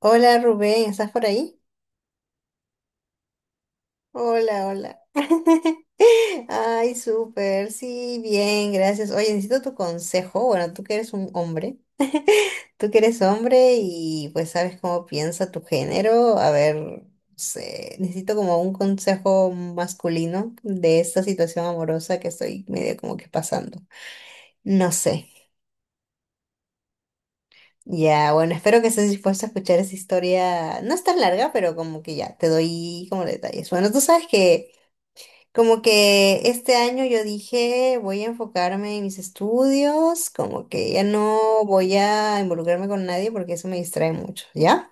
Hola Rubén, ¿estás por ahí? Hola, hola. Ay, súper, sí, bien, gracias. Oye, necesito tu consejo. Bueno, tú que eres un hombre, tú que eres hombre y pues sabes cómo piensa tu género. A ver, no sé, necesito como un consejo masculino de esta situación amorosa que estoy medio como que pasando. No sé. Ya, bueno, espero que estés dispuesto a escuchar esa historia. No es tan larga, pero como que ya, te doy como detalles. Bueno, tú sabes que... Como que este año yo dije, voy a enfocarme en mis estudios, como que ya no voy a involucrarme con nadie porque eso me distrae mucho, ¿ya?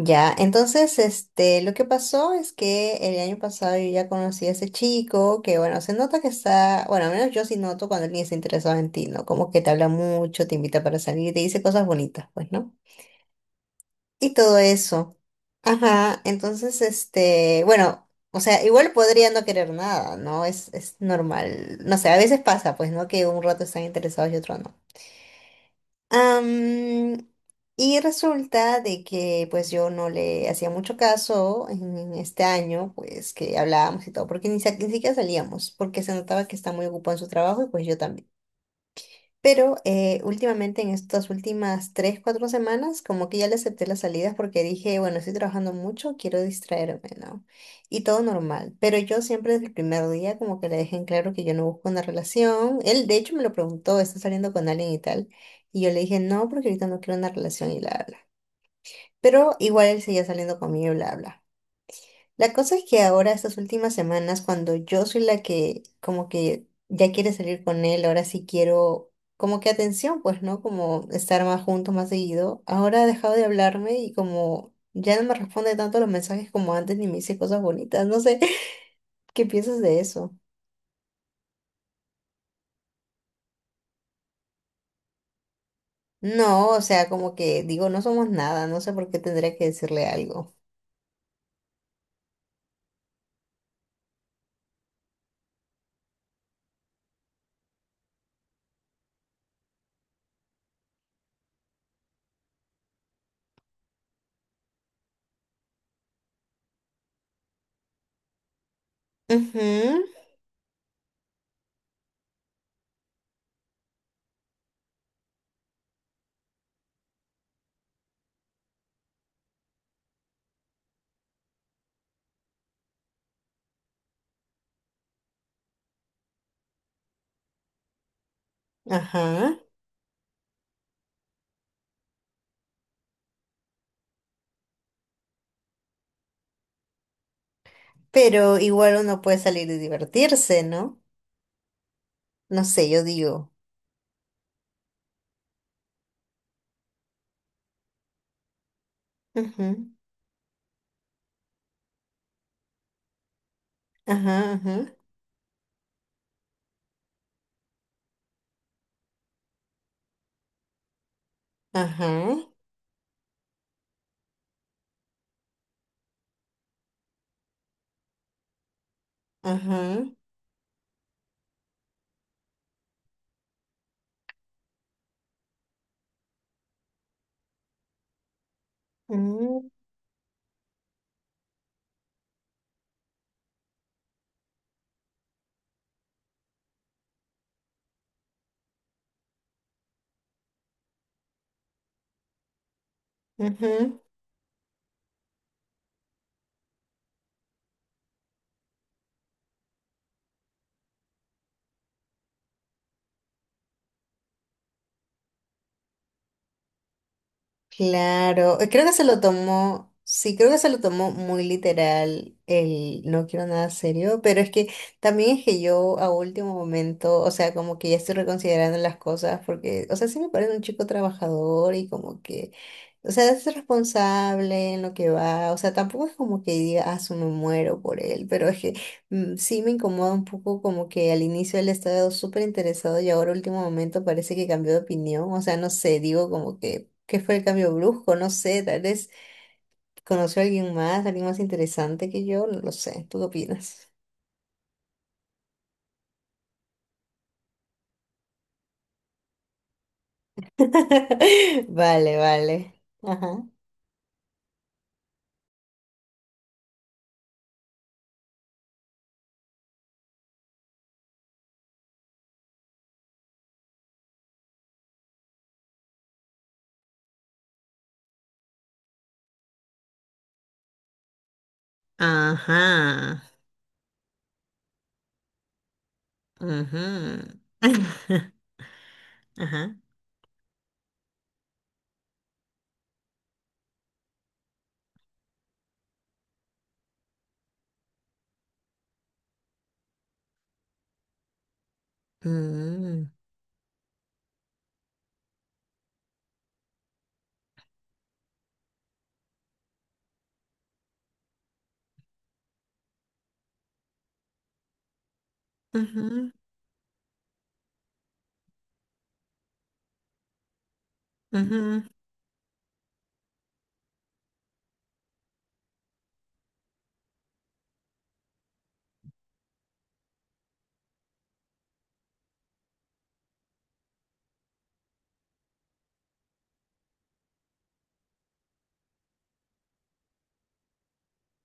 Ya, entonces, este, lo que pasó es que el año pasado yo ya conocí a ese chico que, bueno, se nota que está, bueno, al menos yo sí noto cuando alguien está interesado en ti, ¿no? Como que te habla mucho, te invita para salir, te dice cosas bonitas, pues, ¿no? Y todo eso. Ajá, entonces, este, bueno, o sea, igual podría no querer nada, ¿no? Es normal. No sé, a veces pasa, pues, ¿no? Que un rato están interesados y otro no. Am, y resulta de que pues yo no le hacía mucho caso en este año, pues que hablábamos y todo, porque ni siquiera salíamos, porque se notaba que está muy ocupado en su trabajo y pues yo también. Pero últimamente, en estas últimas tres, cuatro semanas, como que ya le acepté las salidas porque dije, bueno, estoy trabajando mucho, quiero distraerme, ¿no? Y todo normal. Pero yo siempre desde el primer día como que le dejé en claro que yo no busco una relación. Él, de hecho, me lo preguntó, ¿estás saliendo con alguien y tal? Y yo le dije, no, porque ahorita no quiero una relación y bla, bla. Pero igual él seguía saliendo conmigo y bla, bla. La cosa es que ahora, estas últimas semanas, cuando yo soy la que como que ya quiere salir con él, ahora sí quiero como que atención, pues, ¿no? Como estar más juntos, más seguido. Ahora ha dejado de hablarme y como ya no me responde tanto los mensajes como antes ni me dice cosas bonitas. No sé, ¿qué piensas de eso? No, o sea, como que digo, no somos nada, no sé por qué tendría que decirle algo. Ujú, ajá. Pero igual uno puede salir y divertirse, ¿no? No sé, yo digo. Ajá, ajá, ajá, ajá, mm, ujú. Claro, creo que se lo tomó, sí, creo que se lo tomó muy literal el no quiero nada serio, pero es que también es que yo a último momento, o sea, como que ya estoy reconsiderando las cosas porque, o sea, sí me parece un chico trabajador y como que, o sea, es responsable en lo que va, o sea, tampoco es como que diga, ah, su me muero por él, pero es que sí me incomoda un poco como que al inicio él estaba súper interesado y ahora último momento parece que cambió de opinión, o sea, no sé, digo como que fue el cambio brusco, no sé, tal vez conoció a alguien más interesante que yo, no lo sé, ¿tú qué opinas? Vale, vale. Ajá. Ajá. Ajá. Ajá. Mm, ujú, ujú.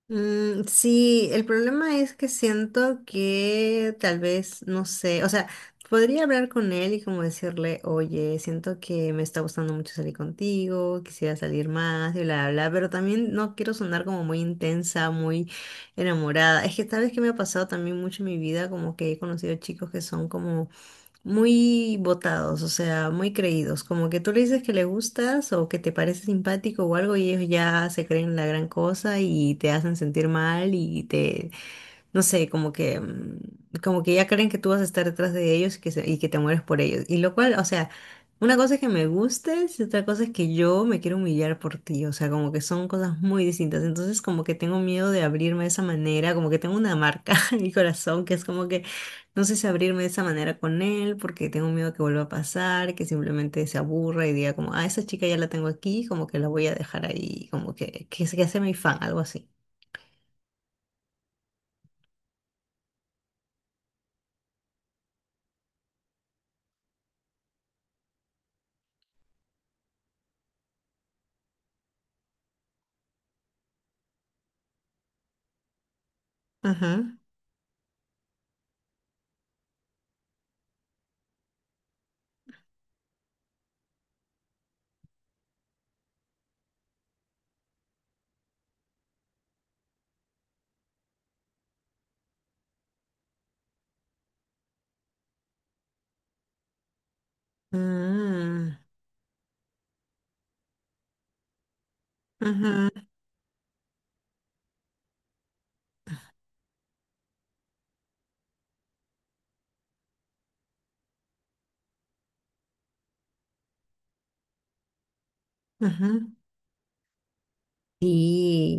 Mm, sí, el problema es que siento que tal vez, no sé, o sea, podría hablar con él y como decirle, oye, siento que me está gustando mucho salir contigo, quisiera salir más y bla, bla, bla, pero también no quiero sonar como muy intensa, muy enamorada. Es que tal vez que me ha pasado también mucho en mi vida, como que he conocido chicos que son como muy botados, o sea, muy creídos, como que tú le dices que le gustas o que te parece simpático o algo y ellos ya se creen la gran cosa y te hacen sentir mal y te, no sé, como que, como que ya creen que tú vas a estar detrás de ellos y y que te mueres por ellos. Y lo cual, o sea, una cosa es que me gustes y otra cosa es que yo me quiero humillar por ti. O sea, como que son cosas muy distintas. Entonces, como que tengo miedo de abrirme de esa manera, como que tengo una marca en mi corazón que es como que no sé si abrirme de esa manera con él porque tengo miedo que vuelva a pasar, que simplemente se aburra y diga como, ah, esa chica ya la tengo aquí, como que la voy a dejar ahí, como que se que sea mi fan, algo así. Ajá. Mm. Ajá, ajá. Sí,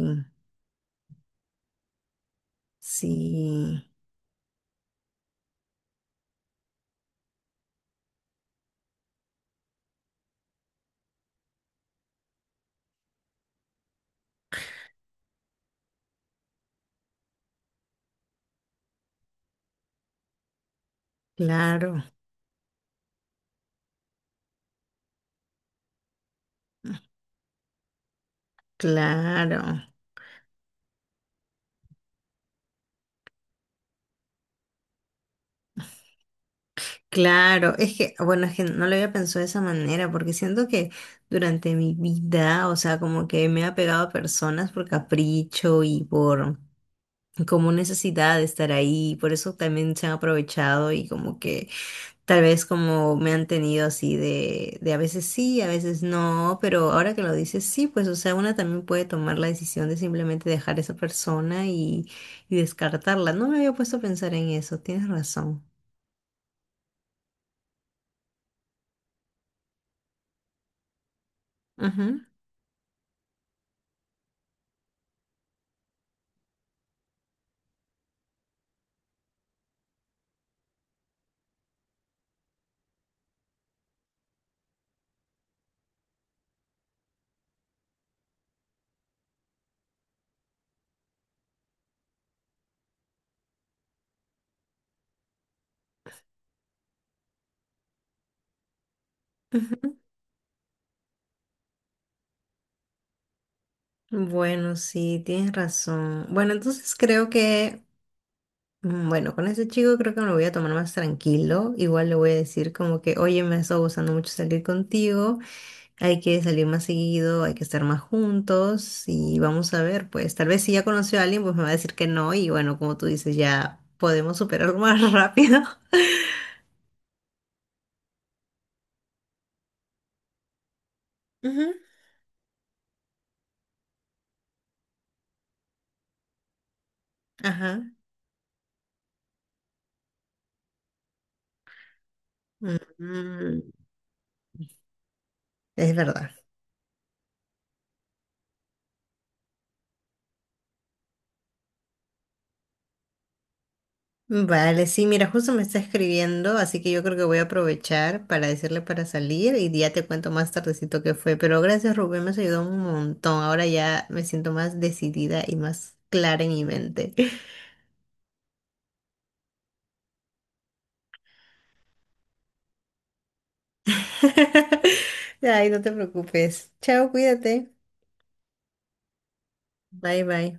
sí, claro, claro, claro. Es que, bueno, es que no lo había pensado de esa manera, porque siento que durante mi vida, o sea, como que me he apegado a personas por capricho y por como necesidad de estar ahí, por eso también se han aprovechado y como que tal vez como me han tenido así de a veces sí, a veces no, pero ahora que lo dices, sí, pues o sea, una también puede tomar la decisión de simplemente dejar esa persona y descartarla. No me había puesto a pensar en eso, tienes razón. Ujú, ujú. Bueno, sí, tienes razón. Bueno, entonces creo que, bueno, con ese chico creo que me lo voy a tomar más tranquilo. Igual le voy a decir como que, oye, me ha estado gustando mucho salir contigo. Hay que salir más seguido, hay que estar más juntos y vamos a ver, pues tal vez si ya conoció a alguien, pues me va a decir que no y bueno, como tú dices, ya podemos superarlo más rápido. Ujú. Ajá. Mm, es verdad. Vale, sí, mira, justo me está escribiendo, así que yo creo que voy a aprovechar para decirle para salir y ya te cuento más tardecito qué fue. Pero gracias, Rubén, me has ayudado un montón. Ahora ya me siento más decidida y más clara en mi mente. Ay, no te preocupes. Chao, cuídate. Bye, bye.